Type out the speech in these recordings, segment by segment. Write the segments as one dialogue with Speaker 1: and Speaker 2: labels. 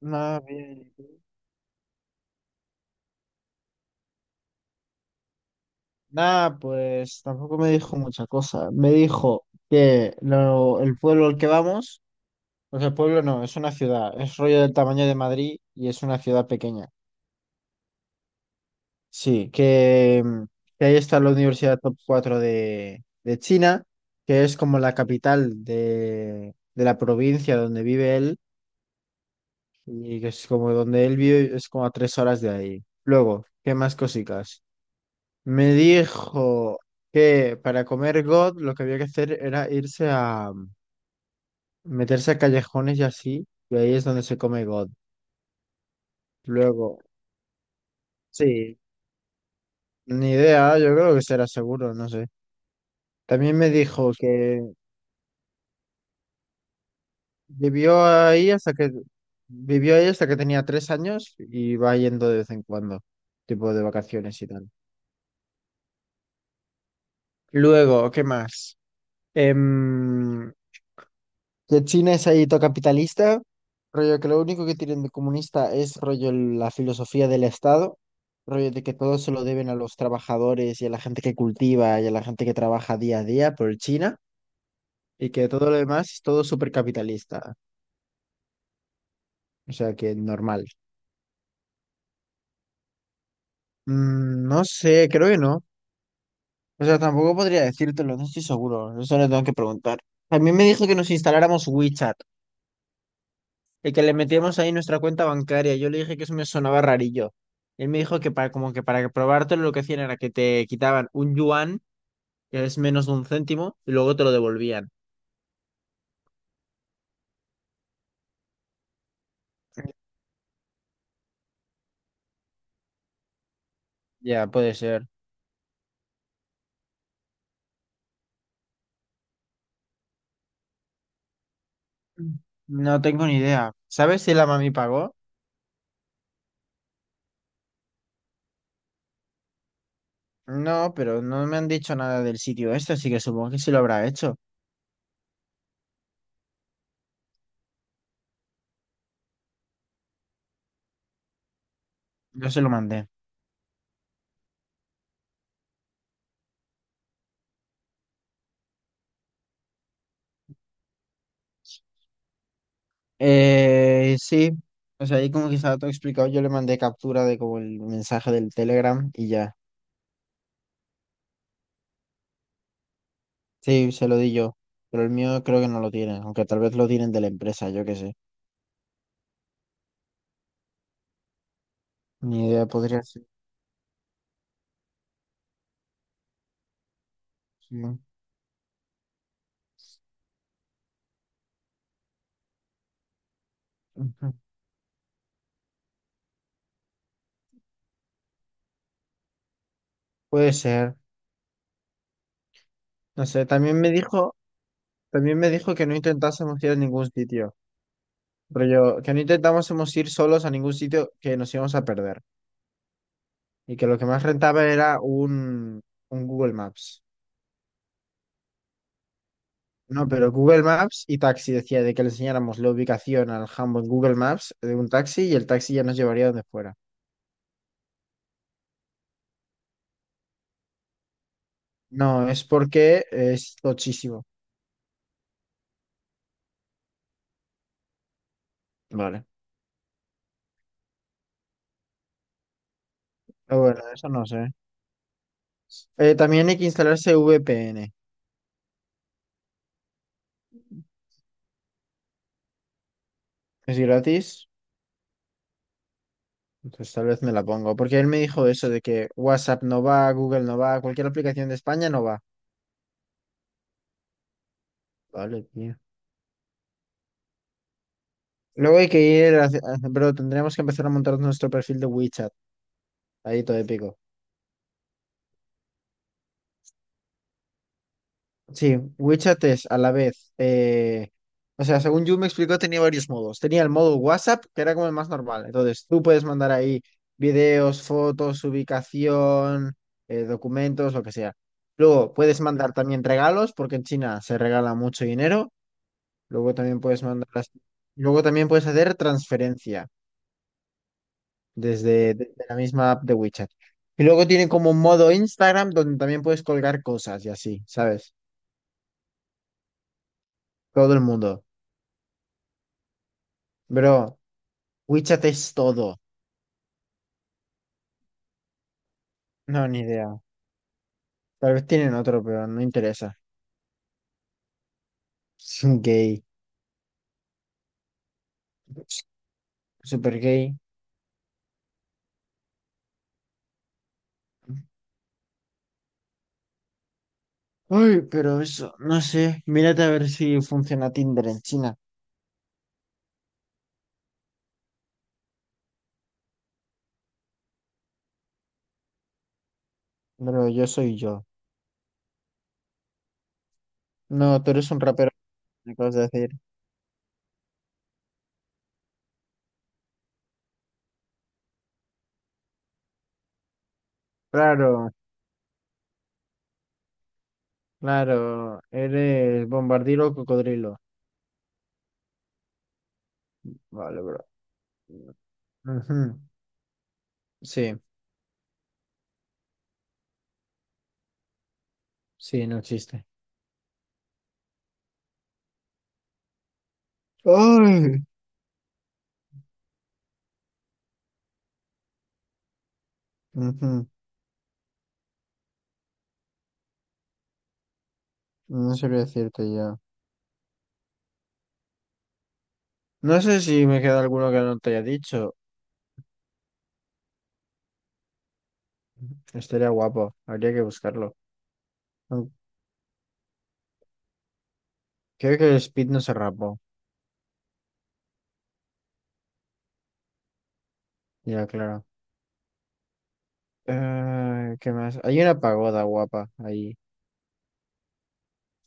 Speaker 1: Nada, bien. Nada, pues tampoco me dijo mucha cosa. Me dijo que el pueblo al que vamos, pues el pueblo no, es una ciudad, es rollo del tamaño de Madrid y es una ciudad pequeña. Sí, que ahí está la Universidad Top 4 de China, que es como la capital de la provincia donde vive él y que es como donde él vive, es como a 3 horas de ahí. Luego, ¿qué más cositas? Me dijo que para comer God lo que había que hacer era irse a meterse a callejones y así, y ahí es donde se come God. Luego, sí, ni idea, yo creo que será seguro, no sé. También me dijo que vivió ahí hasta que vivió ahí hasta que tenía 3 años y va yendo de vez en cuando, tipo de vacaciones y tal. Luego, ¿qué más? Em, que el cine es ahí todo capitalista, rollo que lo único que tienen de comunista es rollo la filosofía del Estado, rollo de que todo se lo deben a los trabajadores y a la gente que cultiva y a la gente que trabaja día a día por China, y que todo lo demás es todo súper capitalista, o sea que normal. Mm, no sé, creo que no. O sea, tampoco podría decírtelo, no estoy seguro, eso le tengo que preguntar. También me dijo que nos instaláramos WeChat. El que le metíamos ahí nuestra cuenta bancaria. Yo le dije que eso me sonaba rarillo. Él me dijo que para, como que para probártelo lo que hacían era que te quitaban un yuan, que es menos de un céntimo, y luego te lo devolvían. Ya, puede ser. Mm. No tengo ni idea. ¿Sabes si la mami pagó? No, pero no me han dicho nada del sitio este, así que supongo que sí lo habrá hecho. Yo se lo mandé. Sí. O sea, ahí como que estaba todo explicado. Yo le mandé captura de como el mensaje del Telegram y ya. Sí, se lo di yo, pero el mío creo que no lo tienen, aunque tal vez lo tienen de la empresa, yo qué sé. Ni idea, podría ser. Sí. Ujú. Puede ser. No sé, también me dijo que no intentásemos ir a ningún sitio. Rollo, que no intentásemos ir solos a ningún sitio que nos íbamos a perder. Y que lo que más rentaba era un Google Maps. No, pero Google Maps y taxi decía de que le enseñáramos la ubicación al jambo en Google Maps de un taxi y el taxi ya nos llevaría donde fuera. No, es porque es tochísimo. Vale. Pero bueno, eso no sé. También hay que instalarse VPN. Es gratis. Entonces tal vez me la pongo. Porque él me dijo eso de que WhatsApp no va, Google no va, cualquier aplicación de España no va. Vale, tío. Luego hay que ir, bro, tendríamos que empezar a montar nuestro perfil de WeChat. Ahí todo épico. Sí, WeChat es a la vez, o sea, según yo me explicó, tenía varios modos. Tenía el modo WhatsApp, que era como el más normal. Entonces, tú puedes mandar ahí videos, fotos, ubicación, documentos, lo que sea. Luego, puedes mandar también regalos, porque en China se regala mucho dinero. Luego también puedes mandar Luego también puedes hacer transferencia desde la misma app de WeChat. Y luego tiene como un modo Instagram donde también puedes colgar cosas y así, ¿sabes? Todo el mundo. Bro. WeChat es todo. No, ni idea. Tal vez tienen otro, pero no interesa. Es un gay. Super gay. Ay, pero eso, no sé. Mírate a ver si funciona Tinder en China. Pero yo soy yo. No, tú eres un rapero, me acabas de decir. Claro, claro. Eres bombardiro o cocodrilo. Vale, bro. Ujú. Sí, sí, no existe. Ay. Ujú. No sabría decirte ya. No sé si me queda alguno que no te haya dicho. Estaría guapo, habría que buscarlo. Mm, Creo que el Speed no se rapó, ya claro. ¿Qué más? Hay una pagoda guapa ahí.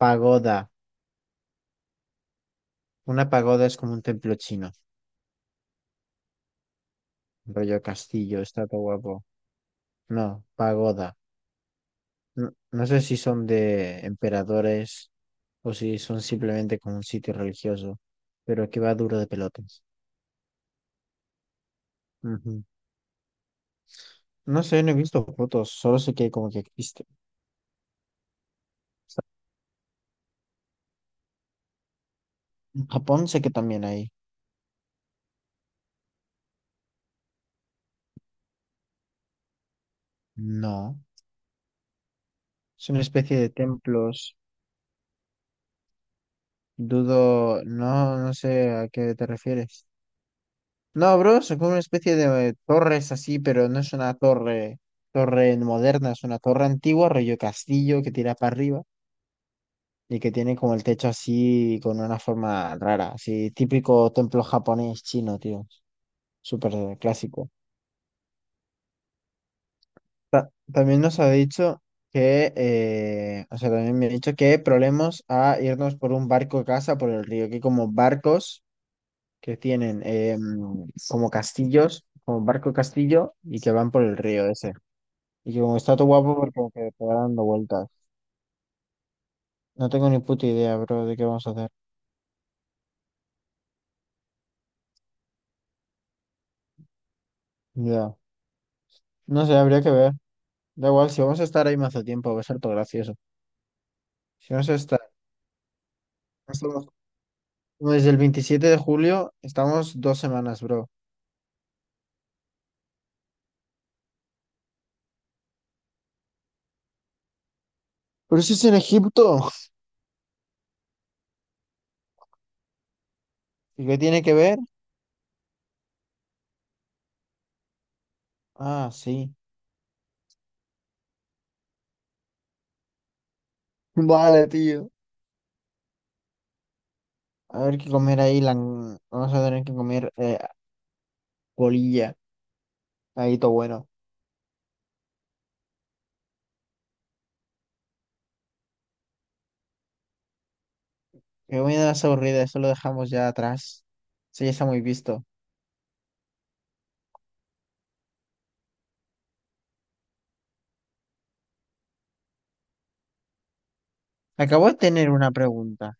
Speaker 1: Pagoda. Una pagoda es como un templo chino, rollo castillo, está todo guapo. No, pagoda. No, no sé si son de emperadores o si son simplemente como un sitio religioso, pero que va duro de pelotas. Ujú. No sé, no he visto fotos, solo sé que como que existe. O sea, en Japón sé que también hay. No. Es una especie de templos. Dudo, no, no sé a qué te refieres. No, bro, son como una especie de torres así, pero no es una torre, torre moderna, es una torre antigua, rollo castillo que tira para arriba y que tiene como el techo así con una forma rara, así típico templo japonés chino, tío. Súper clásico. También nos ha dicho que, o sea, también me ha dicho que problemas a irnos por un barco a casa por el río, que como barcos. Que tienen como castillos, como barco castillo, y que van por el río ese. Y que como está todo guapo porque como que te va dando vueltas. No tengo ni puta idea, bro, de qué vamos a hacer. Ya. No sé, habría que ver. Da igual, si vamos a estar ahí mazo tiempo, va a ser todo gracioso. Si vamos a estar, no estamos como desde el 27 de julio, estamos 2 semanas, bro. Pero eso es en Egipto. ¿Y qué tiene que ver? Ah, sí. Vale, tío. A ver qué comer ahí. Vamos a tener que comer bolilla. Ahí todo bueno. Qué buenas aburrida, eso lo dejamos ya atrás. Eso ya está muy visto. Acabo de tener una pregunta.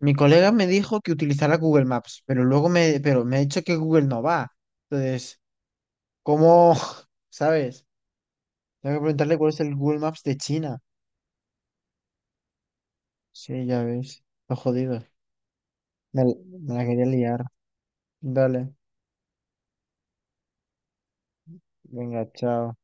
Speaker 1: Mi colega me dijo que utilizara Google Maps, pero me ha dicho que Google no va. Entonces, ¿cómo? ¿Sabes? Tengo que preguntarle cuál es el Google Maps de China. Sí, ya ves. Lo jodido. Me la quería liar. Dale. Venga, chao.